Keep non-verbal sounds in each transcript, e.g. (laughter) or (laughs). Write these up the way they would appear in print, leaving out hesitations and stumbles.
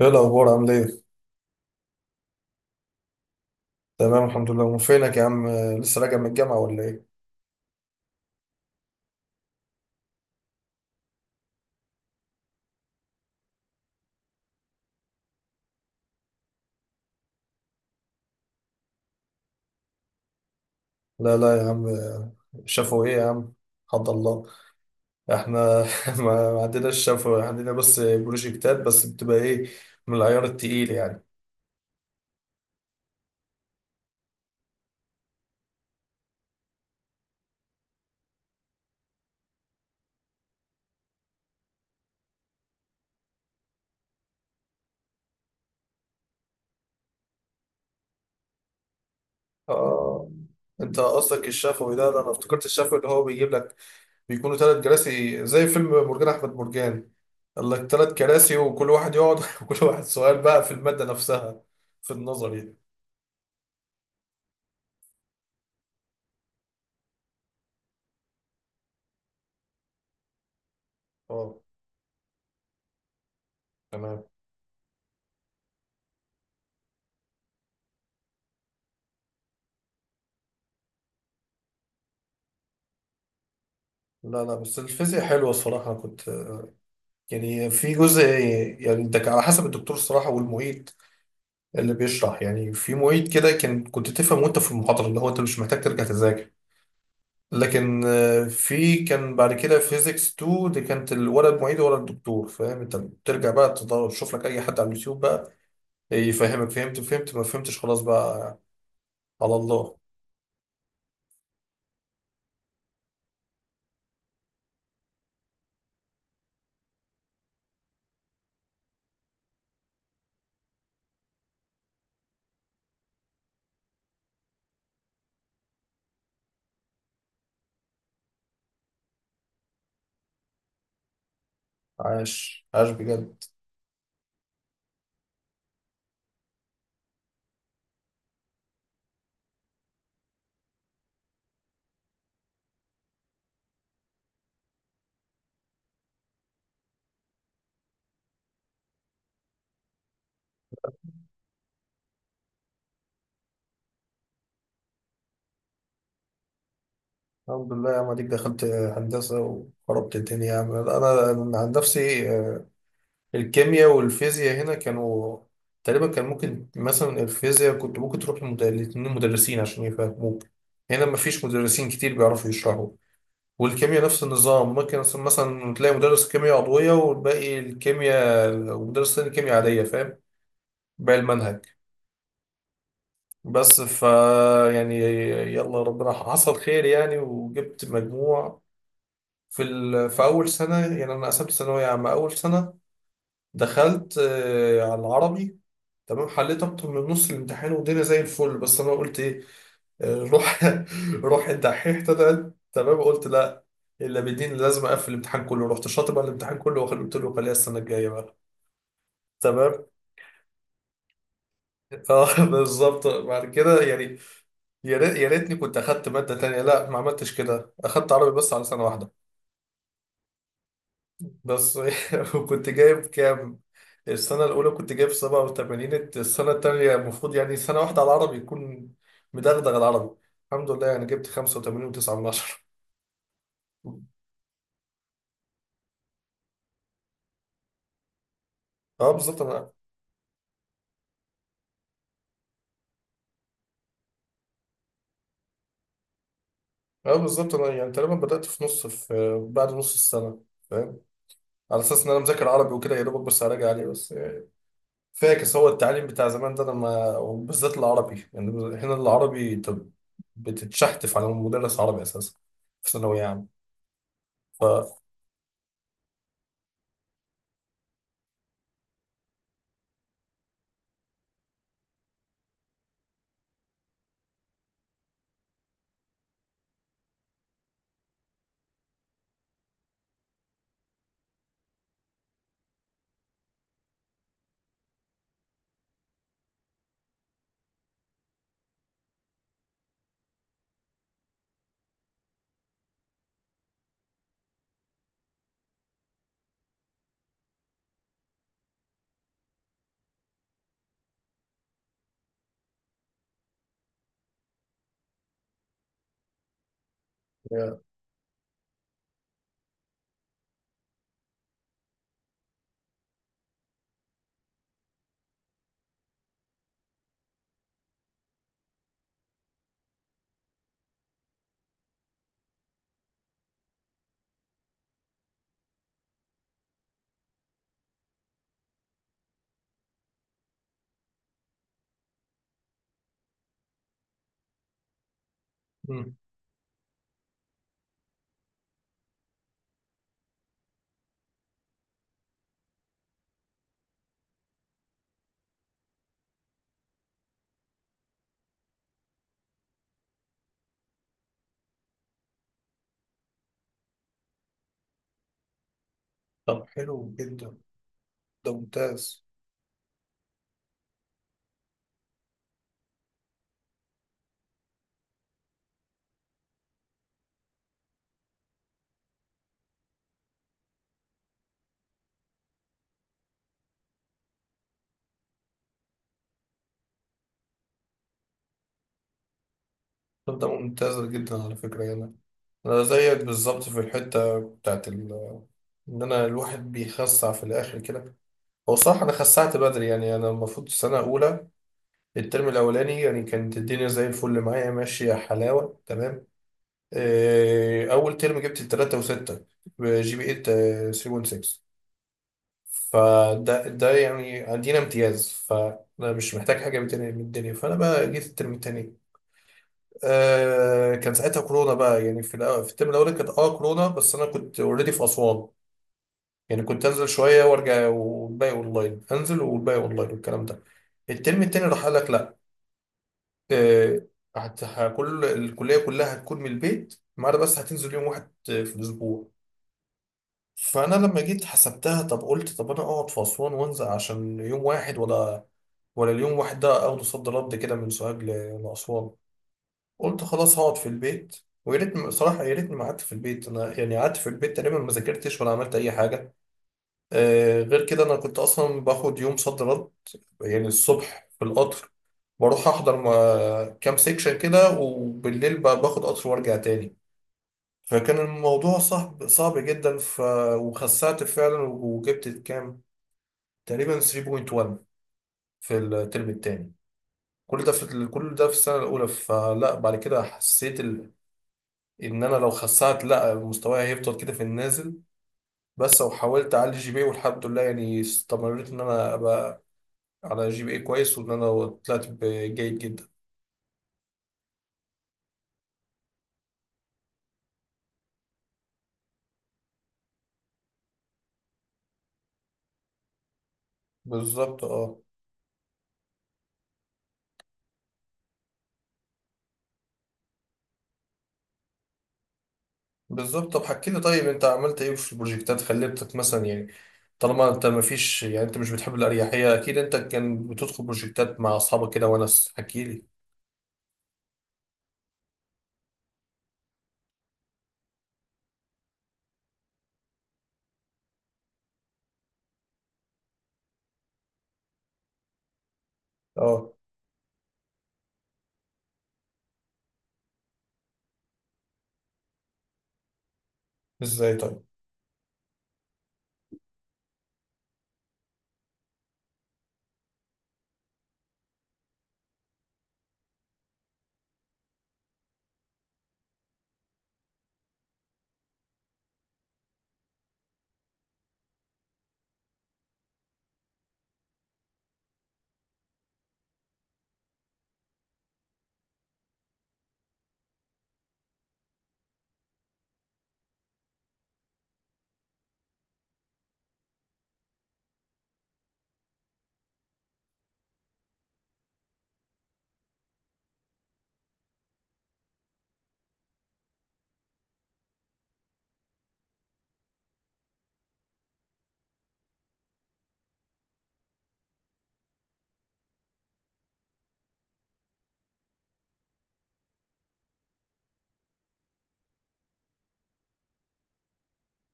ايه الاخبار، عامل ايه؟ تمام الحمد لله. فينك يا عم؟ لسه راجع من الجامعه ولا ايه؟ لا لا يا عم. شافوا ايه يا عم؟ حد الله. احنا. (laughs) ما عندناش شافوا، عندنا بس بروجكتات، بس بتبقى ايه؟ من العيار التقيل يعني. اه، انت قصدك الشفوي ده انا افتكرت الشفوي اللي هو بيجيب لك بيكونوا ثلاث كراسي زي فيلم مرجان احمد مرجان، قال لك ثلاث كراسي وكل واحد يقعد (laughs) وكل واحد سؤال بقى في الماده نفسها. في النظري. اه، تمام. لا لا، بس الفيزياء حلوة الصراحة. كنت يعني في جزء، يعني انت على حسب الدكتور الصراحة والمعيد اللي بيشرح. يعني في معيد كده كان كنت تفهم وانت في المحاضرة، اللي هو انت مش محتاج ترجع تذاكر. لكن في كان بعد كده فيزيكس 2 دي كانت ولا المعيد ولا الدكتور فاهم. انت بترجع بقى تدور تشوف لك اي حد على اليوتيوب بقى يفهمك. فهمت فهمت، ما فهمتش، خلاص بقى. على الله. عاش عاش بجد. الحمد لله يا عم، اديك دخلت هندسة وخربت الدنيا يا عم. انا عن نفسي. الكيمياء والفيزياء هنا كانوا تقريبا كان ممكن. مثلا الفيزياء كنت ممكن تروح لاتنين مدرسين عشان يفهموك. هنا مفيش مدرسين كتير بيعرفوا يشرحوا. والكيمياء نفس النظام، ممكن مثلا تلاقي مدرس كيمياء عضوية والباقي الكيمياء، ومدرس تاني كيمياء عادية، فاهم، باقي المنهج. بس يعني، يلا ربنا حصل خير يعني. وجبت مجموع في أول سنة. يعني أنا قسمت ثانوية عامة أول سنة، دخلت على العربي. تمام، حليت اكتر من نص الامتحان والدنيا زي الفل، بس انا قلت ايه، روح (laughs) روح الدحيح طلعت تمام. قلت لا، الا بالدين لازم اقفل الامتحان كله. رحت شاطب على الامتحان كله، قلت له خليها السنه الجايه بقى. تمام. اه، (laughs) بالظبط بعد كده يعني. يا ريتني كنت اخدت ماده تانية، لا ما عملتش كده، اخدت عربي بس على سنه واحده. ده الصحيح. (laughs) وكنت جايب كام؟ السنة الأولى كنت جايب 87، السنة التانية المفروض يعني سنة واحدة على العربي يكون مدغدغ العربي. الحمد لله، يعني جبت 85 وتسعة من عشرة. (laughs) اه بالظبط أنا اه بالظبط أنا يعني تقريبا بدأت في نص، في بعد نص السنة، فاهم. على أساس إن أنا مذاكر عربي وكده يا دوبك، بس هراجع عليه بس يعني. فاكس هو التعليم بتاع زمان ده لما، وبالذات العربي يعني. هنا العربي أنت بتتشحتف على مدرس عربي أساسا في ثانوية عامة ف طب حلو جدا، ده ممتاز. طب ده ممتاز جدا على فكرة يعني. أنا زيك بالظبط في الحتة بتاعت إن أنا الواحد بيخسع في الآخر كده. هو صح، أنا خسعت بدري يعني. أنا المفروض السنة الأولى الترم الأولاني يعني كانت الدنيا زي الفل معايا ماشية حلاوة تمام. أول ترم جبت 3.6 جي بي إيه 3.6، فده ده يعني عندنا امتياز، فأنا مش محتاج حاجة من الدنيا. فأنا بقى جيت الترم التاني. آه، كان ساعتها كورونا بقى يعني، في الترم الاولاني كانت كورونا، بس انا كنت اوريدي في اسوان. يعني كنت انزل شويه وارجع والباقي اونلاين، انزل والباقي اونلاين والكلام ده. الترم التاني راح قال لك لا، آه، كل الكليه كلها هتكون من البيت، ما عدا بس هتنزل يوم واحد في الاسبوع. فانا لما جيت حسبتها، طب قلت طب انا اقعد في اسوان وانزل عشان يوم واحد، ولا اليوم واحد ده اخده صد رد كده من سوهاج لاسوان. قلت خلاص هقعد في البيت. ويا ريتني صراحة، يا ريتني ما قعدت في البيت. أنا يعني قعدت في البيت، تقريبا ما ذاكرتش ولا عملت أي حاجة. آه، غير كده أنا كنت أصلا باخد يوم صد رد. يعني الصبح في القطر بروح أحضر كام سيكشن كده، وبالليل باخد قطر وأرجع تاني. فكان الموضوع صعب صعب جدا وخسعت فعلا وجبت كام، تقريبا 3.1 في الترم التاني. كل ده في السنة الأولى. فلا بعد كده حسيت ان انا لو خسعت، لا مستواي هيفضل كده في النازل. بس لو حاولت اعلي جي بي إيه والحمد لله يعني، استمريت ان انا ابقى على جي بي اي كويس وان انا طلعت جيد جدا. بالظبط، اه، بالظبط. طب حكي لي طيب، انت عملت ايه في البروجكتات خليتك مثلا يعني؟ طالما انت ما فيش يعني، انت مش بتحب الاريحيه، اكيد انت كان بتدخل بروجكتات مع اصحابك كده وناس، حكي لي. اه، ازاي طيب؟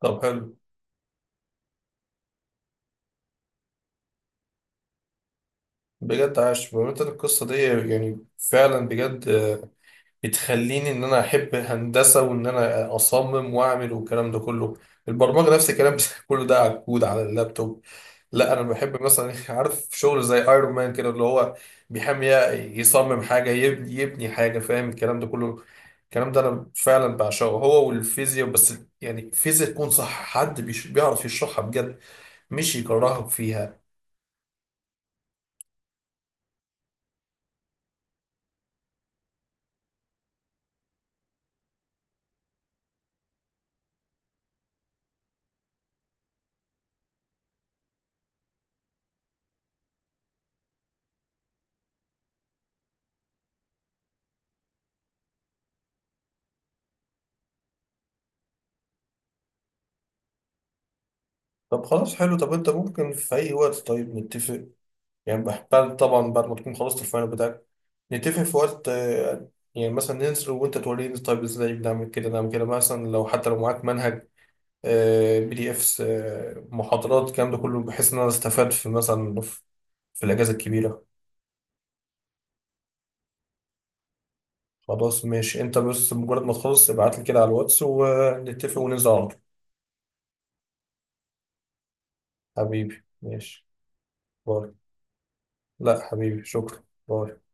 طب حلو بجد، عاش. بمناسبة القصه دي يعني، فعلا بجد بتخليني ان انا احب هندسه وان انا اصمم واعمل والكلام ده كله. البرمجه نفس الكلام (laughs) كله ده على الكود على اللابتوب. لا انا بحب مثلا (laughs) عارف شغل زي ايرون مان كده، اللي هو بيحمي، يصمم حاجه، يبني حاجه، فاهم الكلام ده كله. الكلام ده انا فعلا بعشقه، هو والفيزياء بس. يعني الفيزياء تكون صح، حد بيعرف يشرحها بجد، مش يكرهك فيها. طب خلاص، حلو. طب انت ممكن في اي وقت طيب نتفق يعني، بعد طبعا بعد ما تكون خلصت الفاينل بتاعك نتفق في وقت يعني، مثلا ننزل وانت توريني طيب ازاي بنعمل كده نعمل كده، مثلا لو حتى لو معاك منهج PDFs محاضرات الكلام ده كله، بحيث ان انا استفاد في مثلا في الاجازه الكبيره. خلاص ماشي، انت بس مجرد ما تخلص ابعت لي كده على الواتس ونتفق وننزل على طول. حبيبي ماشي، باي. لا حبيبي شكرا، باي.